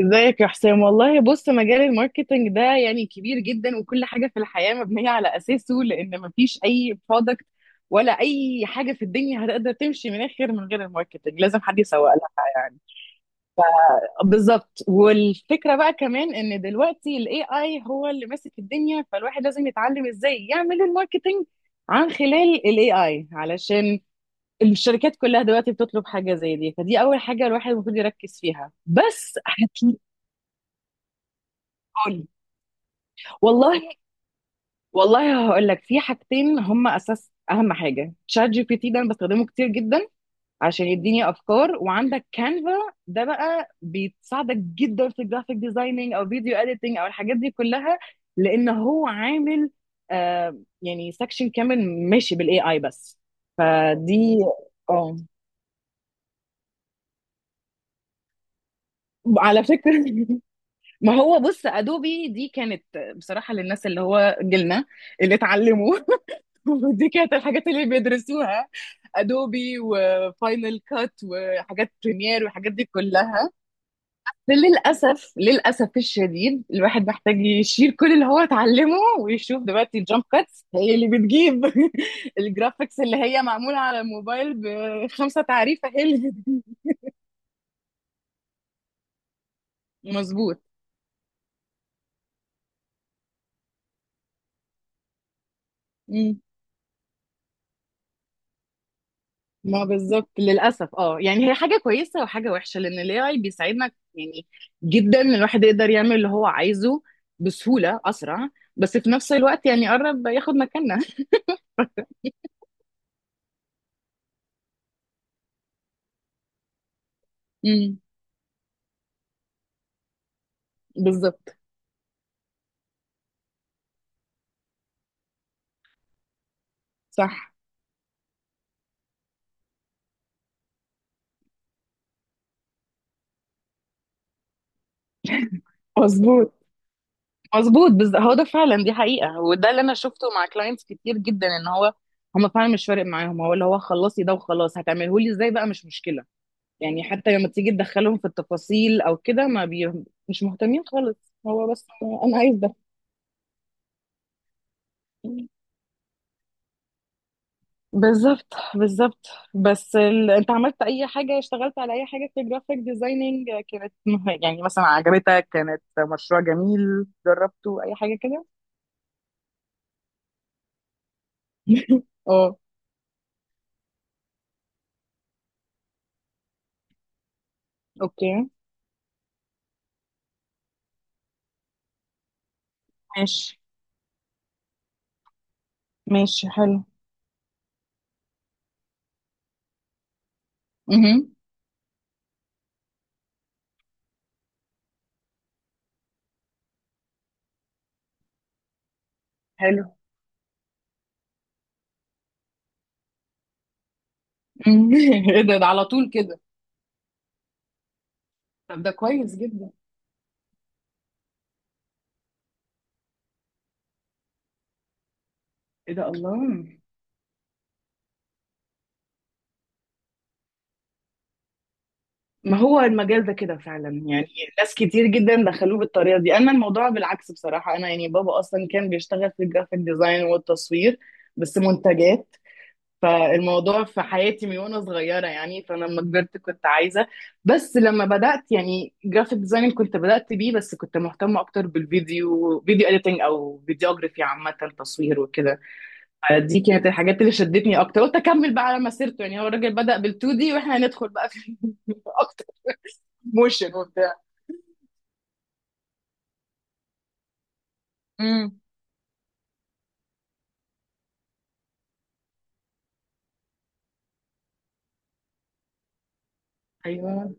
ازيك يا حسام؟ والله بص، مجال الماركتينج ده يعني كبير جدا، وكل حاجة في الحياة مبنية على أساسه، لأن مفيش أي برودكت ولا أي حاجة في الدنيا هتقدر تمشي من آخر من غير الماركتينج. لازم حد يسوق لها. يعني بالظبط. والفكرة بقى كمان إن دلوقتي ال AI هو اللي ماسك الدنيا، فالواحد لازم يتعلم إزاي يعمل الماركتينج عن خلال ال AI، علشان الشركات كلها دلوقتي بتطلب حاجة زي دي. فدي أول حاجة الواحد المفروض يركز فيها. بس هتقول. والله والله هقول لك، في حاجتين هم اساس. اهم حاجه شات جي بي تي، ده انا بستخدمه كتير جدا عشان يديني افكار. وعندك كانفا، ده بقى بيساعدك جدا في الجرافيك ديزايننج او فيديو اديتنج او الحاجات دي كلها، لان هو عامل يعني سكشن كامل ماشي بالاي اي بس. فدي. اه، على فكره. ما هو بص، ادوبي دي كانت، بصراحه، للناس اللي هو جيلنا، اللي اتعلموا. ودي كانت الحاجات اللي بيدرسوها: ادوبي وفاينل كات وحاجات بريمير والحاجات دي كلها. للاسف الشديد الواحد محتاج يشيل كل اللي هو اتعلمه، ويشوف دلوقتي الجامب كاتس هي اللي بتجيب الجرافيكس اللي هي معموله على الموبايل بخمسه تعريفه، هي اللي. مظبوط. مم. ما بالظبط، للاسف، اه، يعني هي حاجه كويسه وحاجه وحشه، لان الاي اي بيساعدنا يعني جدا إن الواحد يقدر يعمل اللي هو عايزه بسهوله اسرع، بس في نفس الوقت يعني قرب ياخد مكاننا. امم. بالظبط. صح. مظبوط، مظبوط، بالظبط. هو ده فعلا، دي حقيقة، وده اللي انا شفته مع كلاينتس كتير جدا، ان هو، هم فعلا مش فارق معاهم، هو اللي هو خلصي ده وخلاص، هتعمله لي ازاي بقى مش مشكلة. يعني حتى لما تيجي تدخلهم في التفاصيل او كده ما بي... مش مهتمين خالص. هو بس انا عايز ده. بالظبط، بالظبط. بس انت عملت اي حاجة؟ اشتغلت على اي حاجة في الجرافيك ديزايننج كانت يعني مثلا عجبتك، كانت مشروع جميل جربته، اي حاجة كده؟ اه. اوكي، ماشي، ماشي. حلو. امم. حلو. مهم. ايه ده على طول كده؟ طب ده كويس جدا. ايه ده، الله. ما هو المجال ده كده فعلا يعني، ناس كتير جدا دخلوه بالطريقه دي. انا الموضوع بالعكس، بصراحه، انا يعني بابا اصلا كان بيشتغل في الجرافيك ديزاين والتصوير، بس منتجات. فالموضوع في حياتي من وانا صغيره يعني، فانا لما كبرت كنت عايزه. بس لما بدات يعني جرافيك ديزايننج، كنت بدات بيه، بس كنت مهتمه اكتر بالفيديو، فيديو اديتنج او فيديوجرافي عامه، تصوير وكده. دي كانت الحاجات اللي شدتني اكتر. قلت اكمل بقى على مسيرته، يعني هو الراجل بدا بال2 دي، واحنا هندخل بقى في اكتر، موشن وبتاع. امم. ايوه.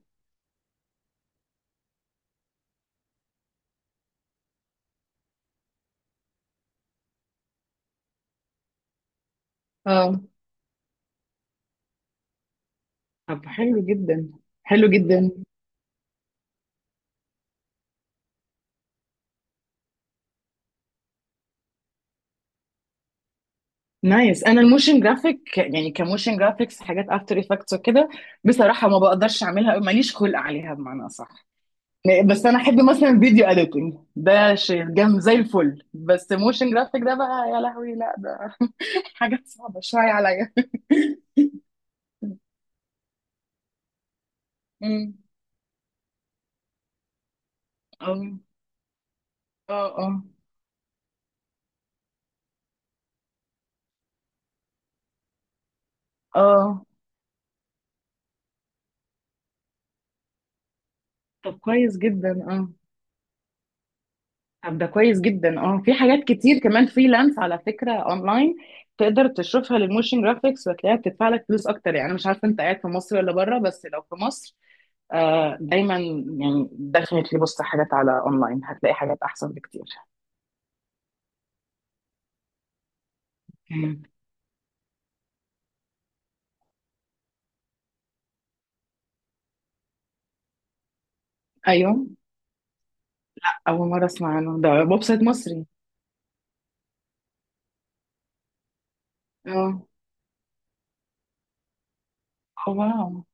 اه. طب حلو جدا، حلو جدا. نايس. انا الموشن جرافيك يعني، كموشن جرافيكس، حاجات افتر افكتس وكده، بصراحه ما بقدرش اعملها، ماليش خلق عليها، بمعنى صح. بس انا احب مثلا الفيديو اديتنج، ده شيء جامد زي الفل. بس موشن جرافيك ده بقى، يا لهوي، لا، ده حاجات صعبه شويه عليا. أمم. اه، اه، اه، اه. طب كويس جدا. آه. طب ده كويس جدا. اه، في حاجات كتير كمان فريلانس على فكره اونلاين تقدر تشوفها للموشن جرافيكس، وتلاقيها بتدفع لك فلوس اكتر يعني. انا مش عارفه انت قاعد في مصر ولا بره، بس لو في مصر، آه دايما، يعني دخلت لي بص، حاجات على اونلاين هتلاقي حاجات احسن بكتير. مم. ايوه، اول مره اسمع عنه، ده ويب سايت مصري؟ اه. آه، واو.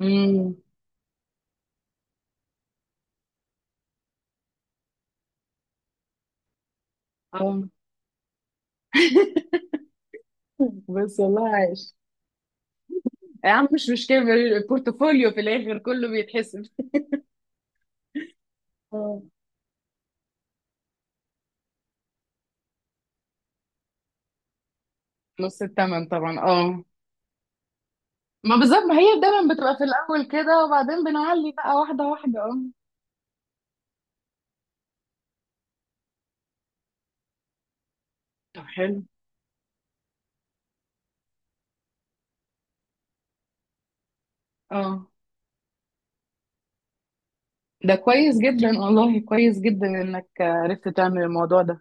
امم. اه. بس والله عايش. يا عم مش مشكله، البورتفوليو في الاخر كله بيتحسب. آه. نص الثمن طبعا، اه. ما بالظبط، ما هي دايما بتبقى في الأول كده، وبعدين بنعلي بقى، واحدة واحدة، اه. طب حلو. اه. ده كويس جدا، والله كويس جدا انك عرفت تعمل الموضوع ده.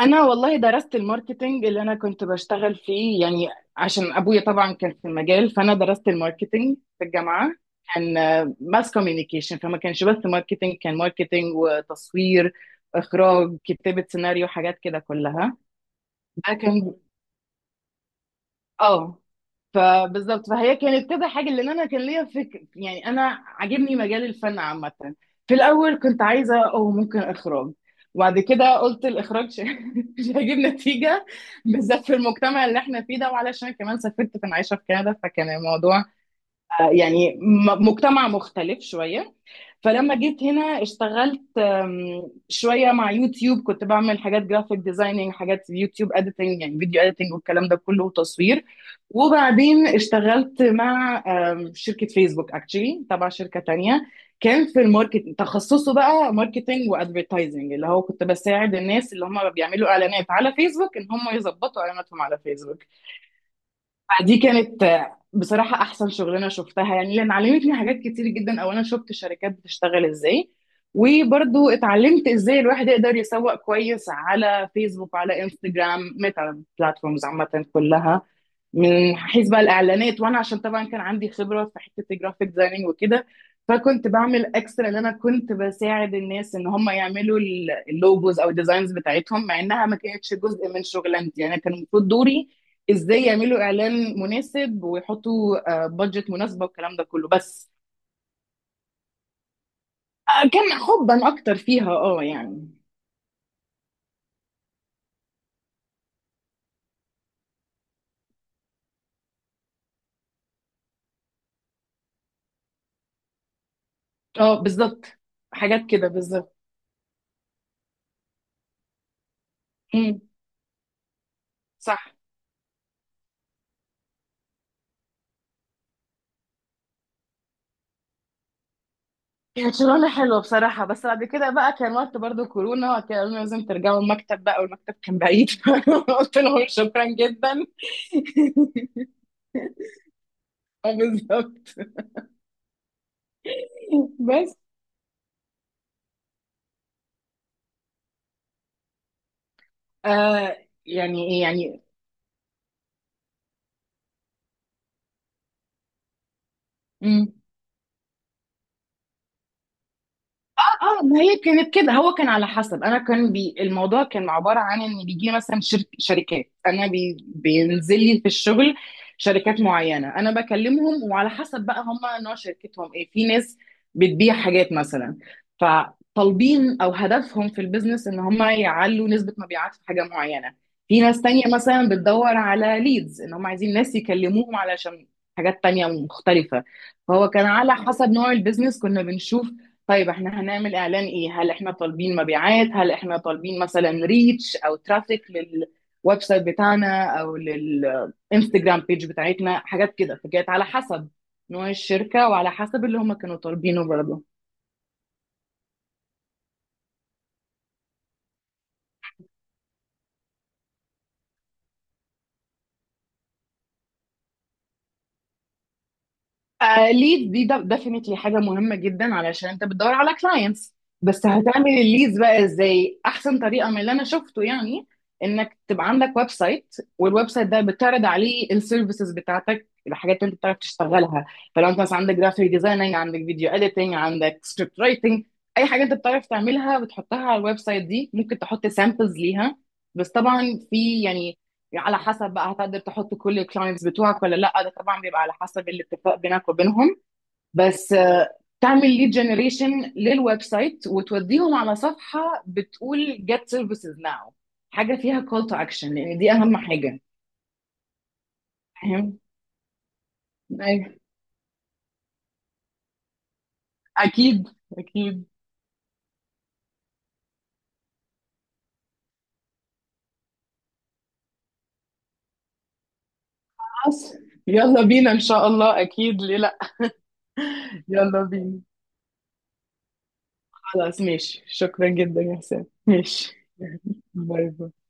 انا والله درست الماركتينج اللي انا كنت بشتغل فيه يعني، عشان ابويا طبعا كان في المجال، فانا درست الماركتينج في الجامعة. كان ماس كوميونيكيشن، فما كانش بس ماركتينج، كان ماركتينج وتصوير، اخراج، كتابة سيناريو، حاجات كده كلها. ده كان، اه، فبالظبط، فهي كانت كده حاجه لان انا كان ليا فكر، يعني انا عاجبني مجال الفن عامه. في الاول كنت عايزه او ممكن اخراج، وبعد كده قلت الاخراج مش هيجيب نتيجه، بالذات في المجتمع اللي احنا فيه ده. وعلشان كمان سافرت كنت عايشه في كندا، فكان الموضوع، يعني مجتمع مختلف شويه. فلما جيت هنا اشتغلت شوية مع يوتيوب. كنت بعمل حاجات جرافيك ديزايننج، حاجات يوتيوب اديتنج يعني فيديو اديتنج والكلام ده كله، وتصوير. وبعدين اشتغلت مع شركة فيسبوك اكشلي، تبع شركة تانية. كان في الماركت، تخصصه بقى ماركتنج وادفرتايزنج، اللي هو كنت بساعد الناس اللي هم بيعملوا اعلانات على فيسبوك، ان هم يظبطوا اعلاناتهم على فيسبوك. فدي كانت، بصراحة، أحسن شغلانة شفتها يعني، لأن علمتني حاجات كتير جدا. أولا شفت الشركات بتشتغل إزاي، وبرضو اتعلمت إزاي الواحد يقدر يسوق كويس على فيسبوك، على انستجرام، ميتا بلاتفورمز عامة كلها، من حيث بقى الإعلانات. وأنا عشان طبعا كان عندي خبرة في حتة الجرافيك ديزايننج وكده، فكنت بعمل اكسترا ان انا كنت بساعد الناس ان هم يعملوا اللوجوز او الديزاينز بتاعتهم، مع انها ما كانتش جزء من شغلانتي. يعني كان المفروض دوري ازاي يعملوا اعلان مناسب، ويحطوا بادجت مناسبه، والكلام ده كله. بس كان حبا اكتر فيها اه يعني. اه، بالظبط. حاجات كده بالظبط. امم. صح. كانت شغلانه حلوه بصراحه. بس بعد كده بقى كان وقت برضو كورونا، وكان قالوا لنا لازم ترجعوا المكتب بقى، والمكتب كان بعيد. قلت لهم شكرا جدا. آه، بالظبط. بس آه يعني إيه، يعني. مم. اه، ما هي كانت كده، هو كان على حسب، انا كان الموضوع كان عباره عن ان بيجي لي مثلا شركات، انا بينزل لي في الشغل، شركات معينه انا بكلمهم. وعلى حسب بقى هم نوع شركتهم ايه، في ناس بتبيع حاجات مثلا، فطالبين او هدفهم في البيزنس ان هم يعلوا نسبه مبيعات في حاجه معينه. في ناس تانية مثلا بتدور على ليدز، ان هم عايزين ناس يكلموهم علشان حاجات تانية مختلفة. فهو كان على حسب نوع البيزنس كنا بنشوف، طيب احنا هنعمل اعلان ايه؟ هل احنا طالبين مبيعات، هل احنا طالبين مثلا ريتش او ترافيك للويب سايت بتاعنا او للانستجرام بيج بتاعتنا، حاجات كده. فكانت على حسب نوع الشركة وعلى حسب اللي هم كانوا طالبينه برضه. ليد، دي ديفينتلي حاجه مهمه جدا علشان انت بتدور على كلاينتس. بس هتعمل الليدز بقى ازاي؟ احسن طريقه من اللي انا شفته يعني، انك تبقى عندك ويب سايت، والويب سايت ده بتعرض عليه السيرفيسز بتاعتك، الحاجات اللي انت بتعرف تشتغلها. فلو انت مثلا عندك جرافيك ديزايننج، عندك فيديو اديتنج، عندك سكريبت رايتنج، اي حاجه انت بتعرف تعملها بتحطها على الويب سايت دي. ممكن تحط سامبلز ليها، بس طبعا في يعني على حسب بقى هتقدر تحط كل الكلاينتس بتوعك ولا لا، ده طبعا بيبقى على حسب الاتفاق بينك وبينهم. بس تعمل ليد جنريشن للويب سايت، وتوديهم على صفحة بتقول get services now، حاجة فيها call to action، لأن دي أهم حاجة. فاهم؟ أيوة. أكيد، أكيد. خلاص، يلا بينا إن شاء الله، أكيد، ليه لأ. يلا بينا، خلاص، ماشي، شكرا جدا يا حسام، ماشي. باي باي.